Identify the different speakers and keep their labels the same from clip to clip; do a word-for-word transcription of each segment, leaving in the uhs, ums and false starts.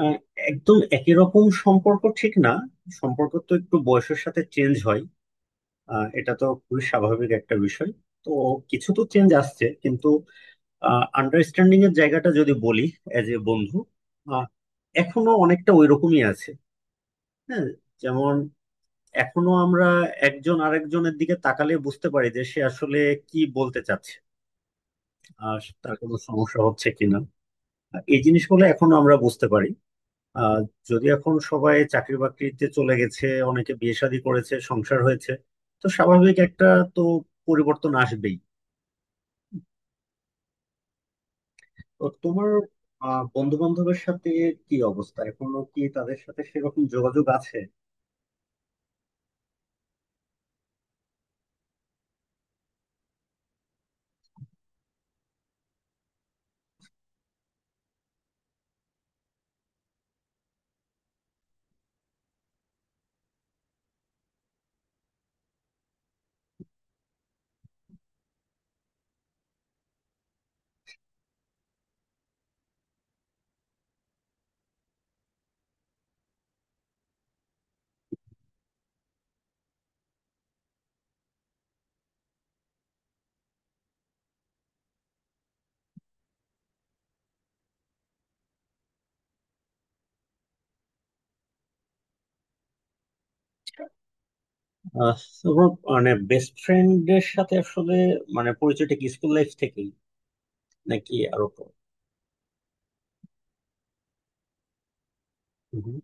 Speaker 1: আহ, একদম একই রকম সম্পর্ক ঠিক না। সম্পর্ক তো একটু বয়সের সাথে চেঞ্জ হয়। আহ, এটা তো খুবই স্বাভাবিক একটা বিষয়। তো কিছু তো চেঞ্জ আসছে, কিন্তু আন্ডারস্ট্যান্ডিং এর জায়গাটা যদি বলি, এজ এ বন্ধু, আহ, এখনো অনেকটা ওই রকমই আছে। হ্যাঁ, যেমন এখনো আমরা একজন আরেকজনের দিকে তাকালে বুঝতে পারি যে সে আসলে কি বলতে চাচ্ছে, আর তার কোনো সমস্যা হচ্ছে কিনা। এই জিনিসগুলো এখনো আমরা বুঝতে পারি। আহ যদি এখন সবাই চাকরি বাকরিতে চলে গেছে, অনেকে বিয়ে শাদী করেছে, সংসার হয়েছে, তো স্বাভাবিক একটা, তো পরিবর্তন আসবেই। তো তোমার আহ বন্ধু বান্ধবের সাথে কি অবস্থা? এখনো কি তাদের সাথে সেরকম যোগাযোগ আছে? আহ, তোমার মানে বেস্ট ফ্রেন্ডের সাথে আসলে মানে পরিচয়টা কি স্কুল লাইফ থেকেই, নাকি আরো পর? হুম।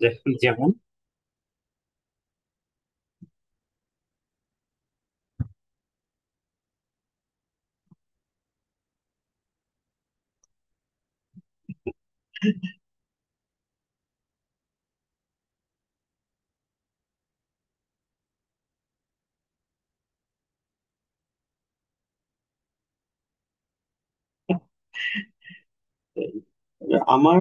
Speaker 1: যে- যেমন, এই, আমার,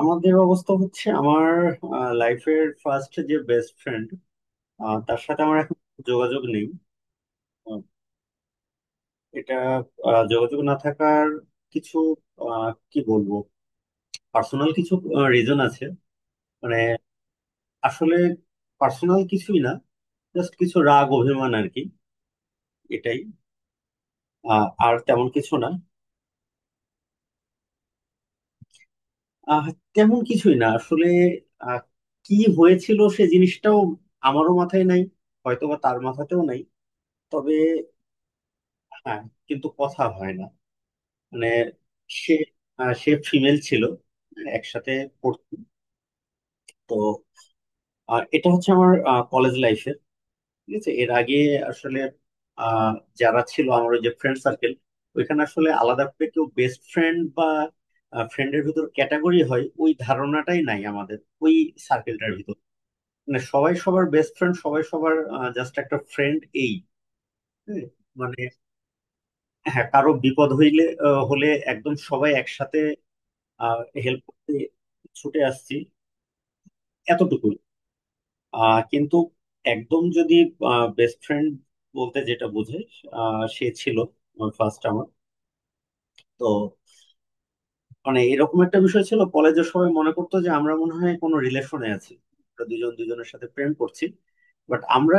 Speaker 1: আমাদের অবস্থা হচ্ছে আমার লাইফের ফার্স্ট যে বেস্ট ফ্রেন্ড, আহ, তার সাথে আমার এখন যোগাযোগ নেই। আহ, এটা, আহ, যোগাযোগ না থাকার কিছু, আহ, কি বলবো, পার্সোনাল কিছু রিজন আছে। মানে আসলে পার্সোনাল কিছুই না, জাস্ট কিছু রাগ অভিমান আর কি। এটাই, আহ, আর তেমন কিছু না। আহ, তেমন কিছুই না আসলে। আহ, কি হয়েছিল সে জিনিসটাও আমারও মাথায় নাই, হয়তো বা তার মাথাতেও নাই। তবে হ্যাঁ, কিন্তু কথা হয় না। মানে সে, আহ, সে ফিমেল ছিল, একসাথে পড়তো। তো আহ, এটা হচ্ছে আমার কলেজ লাইফের। ঠিক আছে, এর আগে আসলে, আহ, যারা ছিল আমার ওই যে ফ্রেন্ড সার্কেল, ওইখানে আসলে আলাদা করে কেউ বেস্ট ফ্রেন্ড বা ফ্রেন্ডের ভিতর ক্যাটাগরি হয় ওই ধারণাটাই নাই আমাদের ওই সার্কেলটার ভিতর। মানে সবাই সবার বেস্ট ফ্রেন্ড, সবাই সবার জাস্ট একটা ফ্রেন্ড, এই। হ্যাঁ, মানে হ্যাঁ, কারো বিপদ হইলে আহ, হলে একদম সবাই একসাথে, আর হেল্প করতে ছুটে আসছি, এতটুকুই। আহ কিন্তু একদম যদি বেস্ট ফ্রেন্ড বলতে যেটা বোঝে, আহ, সে ছিল ফার্স্ট আমার। তো মানে এরকম একটা বিষয় ছিল, কলেজের সবাই মনে করতো যে আমরা মনে হয় কোনো রিলেশনে আছি, আমরা দুজন দুজনের সাথে প্রেম করছি। বাট আমরা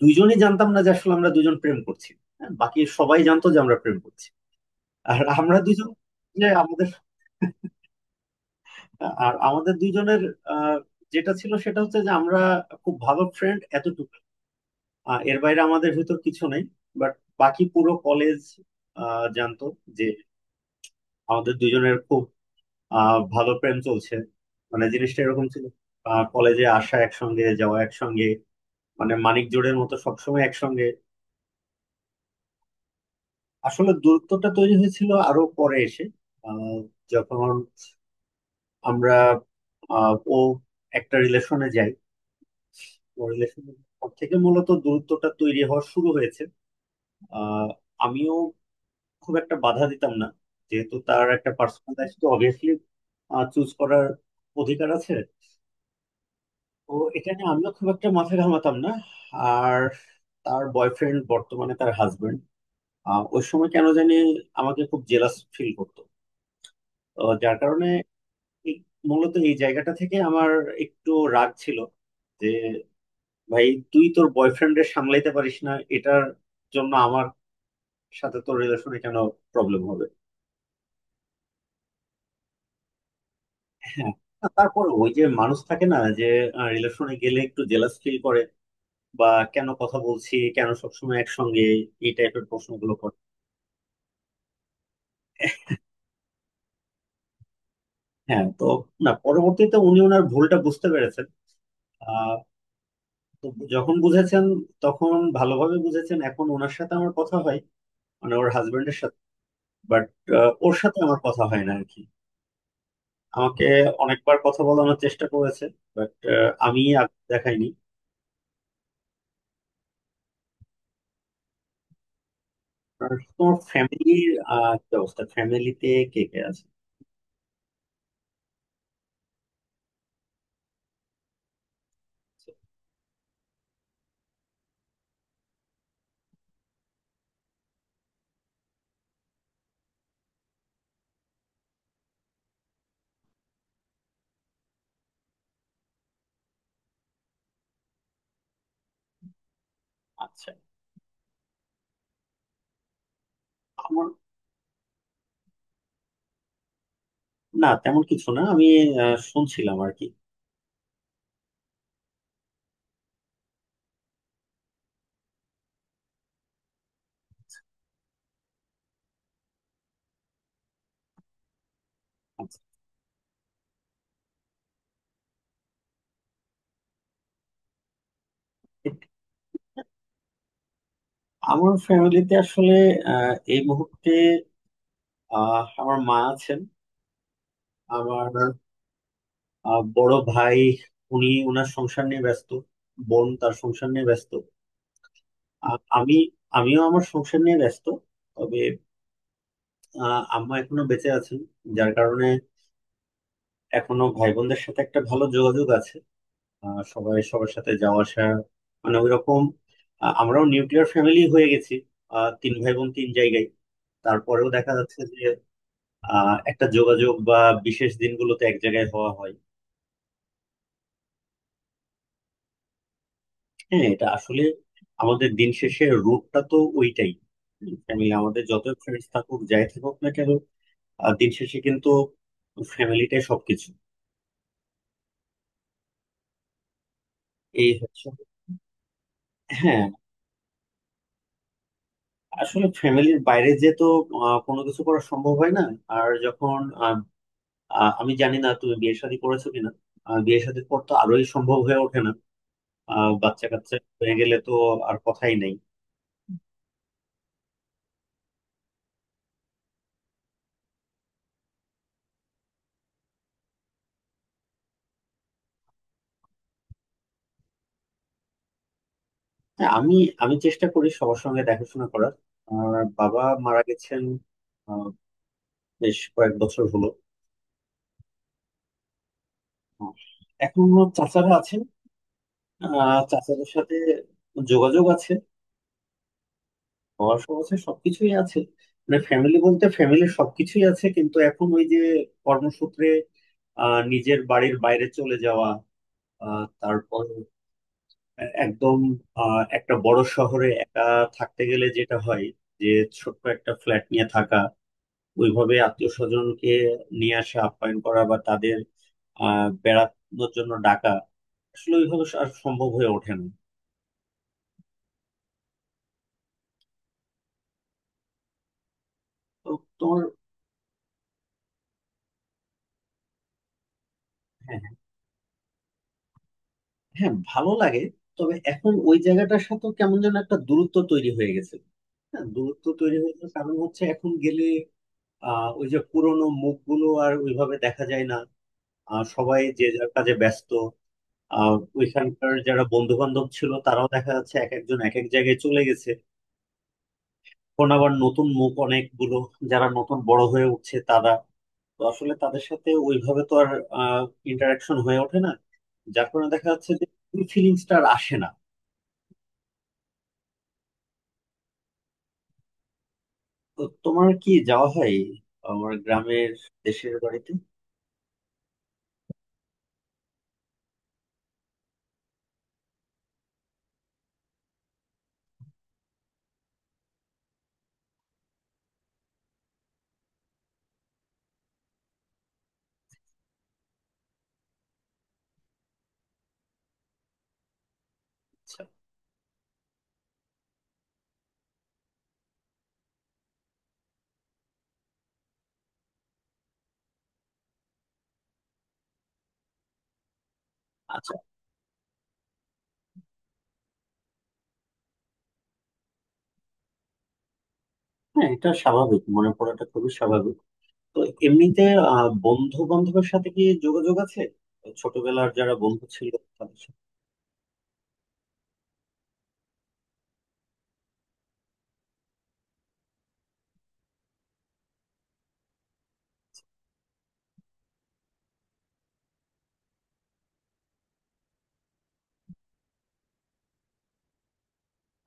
Speaker 1: দুইজনই জানতাম না যে আসলে আমরা দুজন প্রেম করছি। হ্যাঁ, বাকি সবাই জানতো যে আমরা প্রেম করছি। আর আমরা দুজন, যে আমাদের, আর আমাদের দুইজনের আহ, যেটা ছিল সেটা হচ্ছে যে আমরা খুব ভালো ফ্রেন্ড, এতটুকু। আহ, এর বাইরে আমাদের ভিতর কিছু নেই। বাট বাকি পুরো কলেজ জানতো যে আমাদের দুইজনের খুব আহ, ভালো প্রেম চলছে। মানে জিনিসটা এরকম ছিল, কলেজে আসা একসঙ্গে, যাওয়া একসঙ্গে, মানে মানিক জোড়ের মতো সবসময় একসঙ্গে। আসলে দূরত্বটা তৈরি হয়েছিল আরো পরে এসে, আহ, যখন আমরা, আহ, ও একটা রিলেশনে যাই। কোরিলেশন থেকে মূলত দূরত্বটা তৈরি হওয়া শুরু হয়েছে। আহ, আমিও খুব একটা বাধা দিতাম না, যেহেতু তার একটা পার্সোনাল লাইফ তো অবভিয়াসলি চুজ করার অধিকার আছে। তো এটা নিয়ে আমিও খুব একটা মাথা ঘামাতাম না। আর তার বয়ফ্রেন্ড, বর্তমানে তার হাজবেন্ড, ওই সময় কেন জানি আমাকে খুব জেলাস ফিল করতো। তো যার কারণে এই- মূলত এই জায়গাটা থেকে আমার একটু রাগ ছিল যে ভাই, তুই তোর বয়ফ্রেন্ডের সামলাইতে পারিস না, এটার জন্য আমার সাথে তো রিলেশনে কেন প্রবলেম হবে। হ্যাঁ, তারপর ওই যে মানুষ থাকে না যে রিলেশনে গেলে একটু জেলাস ফিল করে, বা কেন কথা বলছি, কেন সবসময় একসঙ্গে, এই টাইপের প্রশ্নগুলো করে। হ্যাঁ তো না, পরবর্তীতে উনি ওনার ভুলটা বুঝতে পেরেছেন। আহ তো যখন বুঝেছেন তখন ভালোভাবে বুঝেছেন, এখন ওনার সাথে আমার কথা হয়, মানে ওর হাজবেন্ডের সাথে। বাট ওর সাথে আমার কথা হয় না আর কি। আমাকে অনেকবার কথা বলানোর চেষ্টা করেছে, বাট আমি আর দেখাইনি। আর তোমার ফ্যামিলির আহ কি অবস্থা? ফ্যামিলিতে কে কে আছে? আচ্ছা, আমার, না, তেমন কিছু না, আমি আহ, শুনছিলাম আর কি। আচ্ছা। আমার ফ্যামিলিতে আসলে আহ, এই মুহূর্তে আহ, আমার মা আছেন, আমার আহ, বড় ভাই, উনি ওনার সংসার নিয়ে ব্যস্ত, বোন তার সংসার নিয়ে ব্যস্ত, আর আমি, আমিও আমার সংসার নিয়ে ব্যস্ত। তবে আহ, আম্মা এখনো বেঁচে আছেন, যার কারণে এখনো ভাই বোনদের সাথে একটা ভালো যোগাযোগ আছে। আহ, সবাই সবার সাথে যাওয়া আসা, মানে ওইরকম। আহ, আমরাও নিউক্লিয়ার ফ্যামিলি হয়ে গেছি। আহ, তিন ভাই বোন তিন জায়গায়, তারপরেও দেখা যাচ্ছে যে আহ, একটা যোগাযোগ বা বিশেষ দিনগুলোতে এক জায়গায় হওয়া হয়। হ্যাঁ এটা আসলে আমাদের দিন শেষে রুটটা তো ওইটাই, ফ্যামিলি। আমাদের যত ফ্রেন্ডস থাকুক, যাই থাকুক না কেন, আহ, দিন শেষে কিন্তু ফ্যামিলিটাই সবকিছু। এই হচ্ছে। হ্যাঁ, আসলে ফ্যামিলির বাইরে যে তো আহ, কোনো কিছু করা সম্ভব হয় না। আর যখন আহ, আমি জানি না তুমি বিয়ে শাদী করেছো কিনা, আহ, বিয়ে শাদীর পর তো আরোই সম্ভব হয়ে ওঠে না। আহ, বাচ্চা কাচ্চা হয়ে গেলে তো আর কথাই নেই। হ্যাঁ আমি, আমি চেষ্টা করি সবার সঙ্গে দেখাশোনা করার। আমার বাবা মারা গেছেন আহ, বেশ কয়েক বছর হলো। আহ, এখনো চাচারা আছেন। আহ, চাচাদের সাথে যোগাযোগ আছে, পড়াশোনা আছে, সবকিছুই আছে। মানে ফ্যামিলি বলতে ফ্যামিলির সবকিছুই আছে, কিন্তু এখন ওই যে কর্মসূত্রে আহ নিজের বাড়ির বাইরে চলে যাওয়া, আহ তারপর একদম আহ, একটা বড় শহরে একা থাকতে গেলে যেটা হয় যে ছোট্ট একটা ফ্ল্যাট নিয়ে থাকা, ওইভাবে আত্মীয় স্বজনকে নিয়ে আসা, আপ্যায়ন করা বা তাদের আহ বেড়ানোর জন্য ডাকা আসলে ওইভাবে আর সম্ভব হয়ে ওঠে না। তো তোমার, হ্যাঁ হ্যাঁ, হ্যাঁ, ভালো লাগে। তবে এখন ওই জায়গাটার সাথে কেমন যেন একটা দূরত্ব তৈরি হয়ে গেছে। হ্যাঁ দূরত্ব তৈরি হয়ে গেছে, কারণ হচ্ছে এখন গেলে আহ ওই যে পুরোনো মুখগুলো আর ওইভাবে দেখা যায় না। আহ সবাই যে যার কাজে ব্যস্ত। আহ ওইখানকার যারা বন্ধু বান্ধব ছিল তারাও দেখা যাচ্ছে এক একজন এক এক জায়গায় চলে গেছে। এখন আবার নতুন মুখ অনেকগুলো, যারা নতুন বড় হয়ে উঠছে, তারা, তো আসলে তাদের সাথে ওইভাবে তো আর ইন্টারাকশন হয়ে ওঠে না। যার কারণে দেখা যাচ্ছে যে ওই ফিলিংসটা আর আসে না। তো তোমার কি যাওয়া হয় আমার গ্রামের, দেশের বাড়িতে? আচ্ছা, আচ্ছা, হ্যাঁ এটা স্বাভাবিক, মনে পড়াটা খুবই স্বাভাবিক। তো এমনিতে আহ বন্ধু বান্ধবের সাথে কি যোগাযোগ আছে? ছোটবেলার যারা বন্ধু ছিল, তাদের সাথে?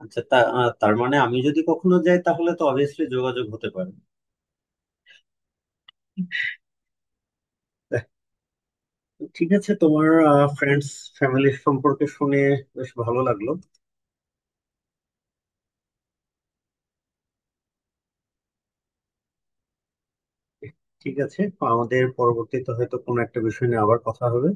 Speaker 1: আচ্ছা, তা আহ, তার মানে আমি যদি কখনো যাই তাহলে তো অবভিয়াসলি যোগাযোগ হতে পারে। ঠিক আছে, তোমার ফ্রেন্ডস, ফ্যামিলির সম্পর্কে শুনে বেশ ভালো লাগলো। ঠিক আছে, আমাদের পরবর্তীতে হয়তো কোনো একটা বিষয় নিয়ে আবার কথা হবে।